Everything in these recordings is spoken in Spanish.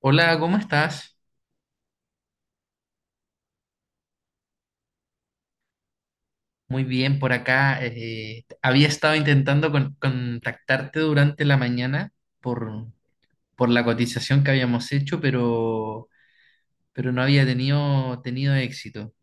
Hola, ¿cómo estás? Muy bien, por acá. Había estado intentando contactarte durante la mañana por, por la cotización que habíamos hecho, pero no había tenido éxito.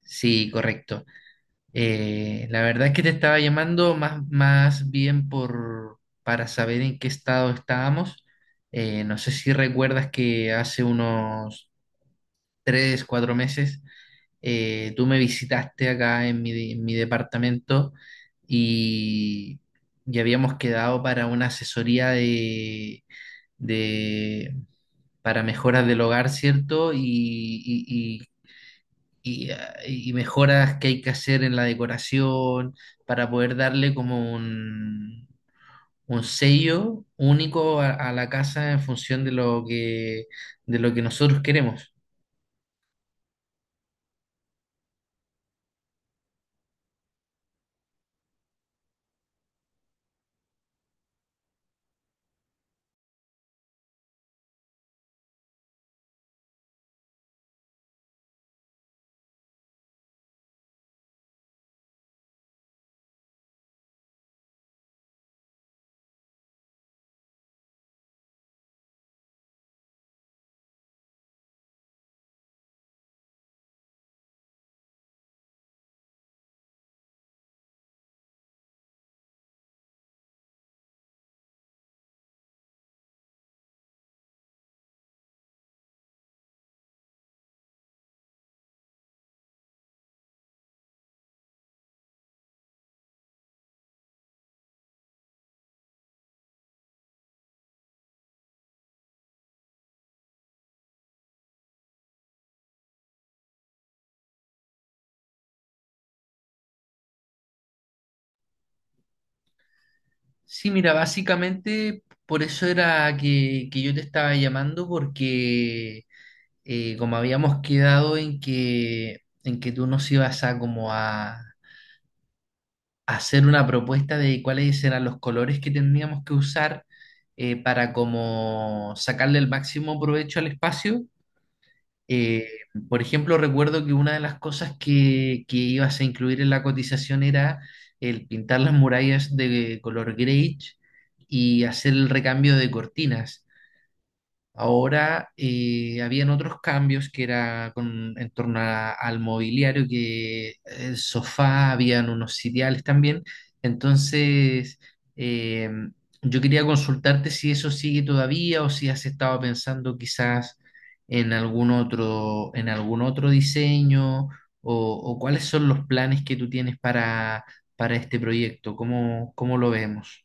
Sí, correcto. La verdad es que te estaba llamando más bien para saber en qué estado estábamos. No sé si recuerdas que hace unos 3, 4 meses tú me visitaste acá en en mi departamento y ya habíamos quedado para una asesoría de- para mejoras del hogar, ¿cierto? Y- y- y mejoras que hay que hacer en la decoración para poder darle como un sello único a la casa en función de lo que nosotros queremos. Sí, mira, básicamente por eso era que yo te estaba llamando, porque como habíamos quedado en que tú nos ibas a como a hacer una propuesta de cuáles eran los colores que tendríamos que usar, para como sacarle el máximo provecho al espacio. eh, por ejemplo, recuerdo que una de las cosas que ibas a incluir en la cotización era el pintar las murallas de color grey y hacer el recambio de cortinas. Ahora habían otros cambios que era en torno al mobiliario, que el sofá, habían unos sitiales también. Entonces, eh, yo quería consultarte si eso sigue todavía o si has estado pensando quizás en en algún otro diseño, o cuáles son los planes que tú tienes para este proyecto. Cómo lo vemos?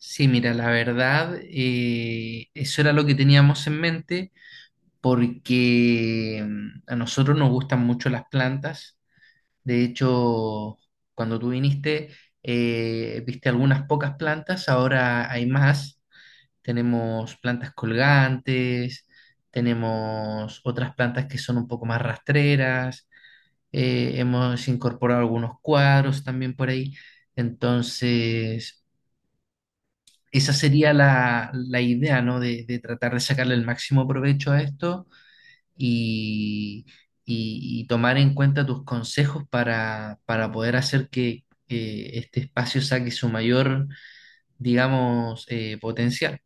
Sí, mira, la verdad, eso era lo que teníamos en mente porque a nosotros nos gustan mucho las plantas. De hecho, cuando tú viniste, viste algunas pocas plantas, ahora hay más. Tenemos plantas colgantes, tenemos otras plantas que son un poco más rastreras. Hemos incorporado algunos cuadros también por ahí. Entonces esa sería la idea, ¿no? De tratar de sacarle el máximo provecho a esto y, y tomar en cuenta tus consejos para poder hacer que este espacio saque su mayor, digamos, potencial.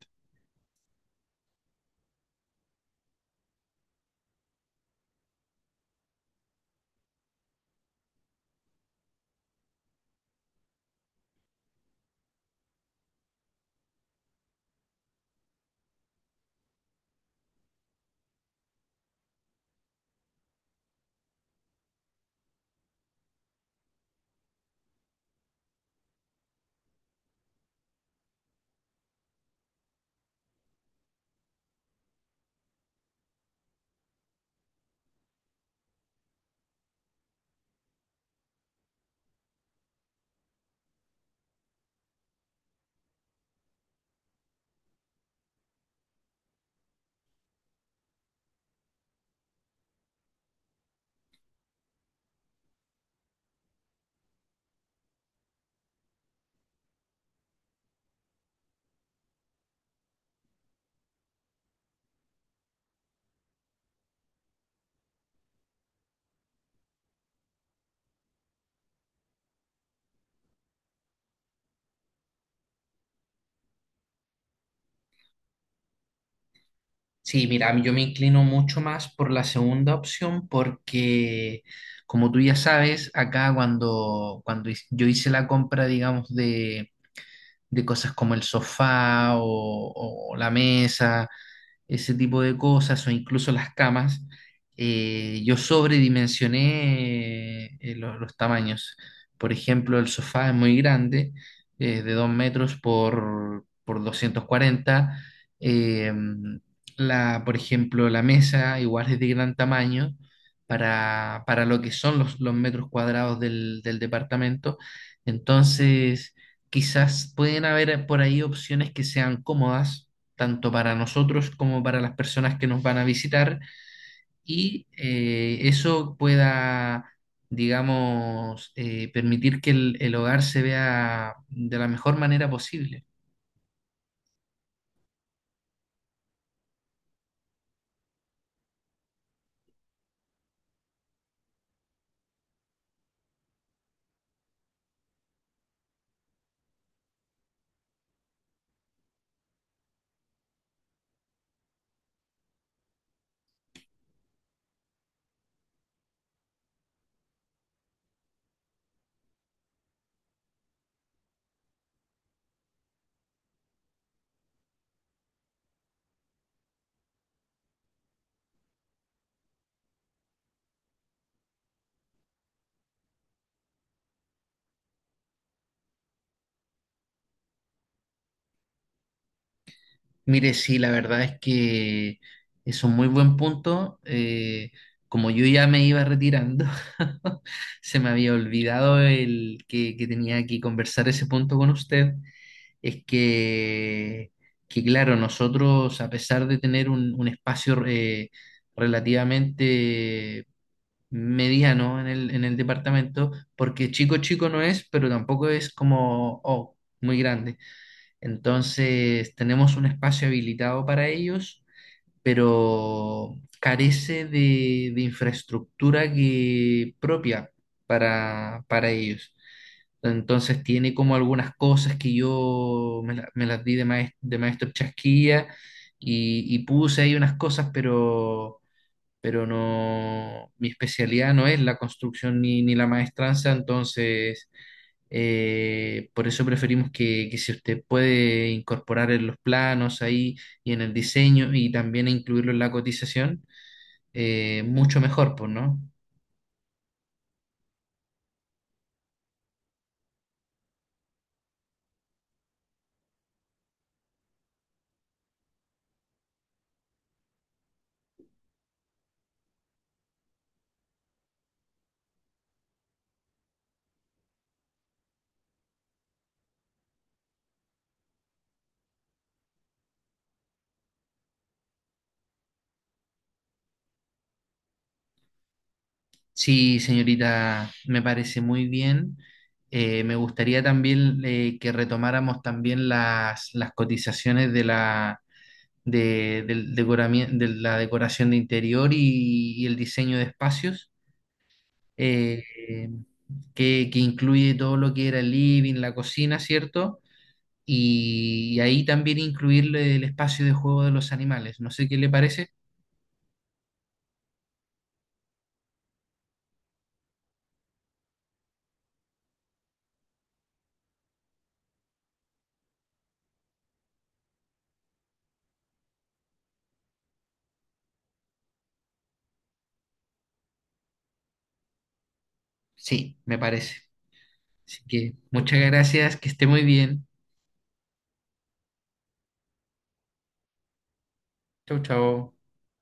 Sí, mira, yo me inclino mucho más por la segunda opción porque, como tú ya sabes, acá cuando yo hice la compra, digamos, de cosas como el sofá o la mesa, ese tipo de cosas o incluso las camas. Yo sobredimensioné, tamaños. Por ejemplo, el sofá es muy grande, de 2 metros por 240. Eh, por ejemplo, la mesa igual es de gran tamaño para lo que son los metros cuadrados del departamento. Entonces, quizás pueden haber por ahí opciones que sean cómodas tanto para nosotros como para las personas que nos van a visitar y eso pueda, digamos, permitir que el hogar se vea de la mejor manera posible. Mire, sí, la verdad es que es un muy buen punto. Como yo ya me iba retirando, se me había olvidado que tenía que conversar ese punto con usted. Es que, claro, nosotros, a pesar de tener un espacio, relativamente mediano en en el departamento, porque chico chico no es, pero tampoco es como muy grande. Entonces, tenemos un espacio habilitado para ellos, pero carece de infraestructura que, propia para ellos. Entonces tiene como algunas cosas que me las di de maestro Chasquilla y puse ahí unas cosas, pero no, mi especialidad no es la construcción ni la maestranza. Entonces, por eso preferimos que si usted puede incorporar en los planos ahí y en el diseño y también incluirlo en la cotización, mucho mejor, pues, ¿no? Sí, señorita, me parece muy bien. Me gustaría también, que retomáramos también las cotizaciones de la decoración de interior y el diseño de espacios, eh, que incluye todo lo que era el living, la cocina, ¿cierto? Y ahí también incluirle el espacio de juego de los animales. No sé qué le parece. Sí, me parece. Así que muchas gracias, que esté muy bien. Chau, chau.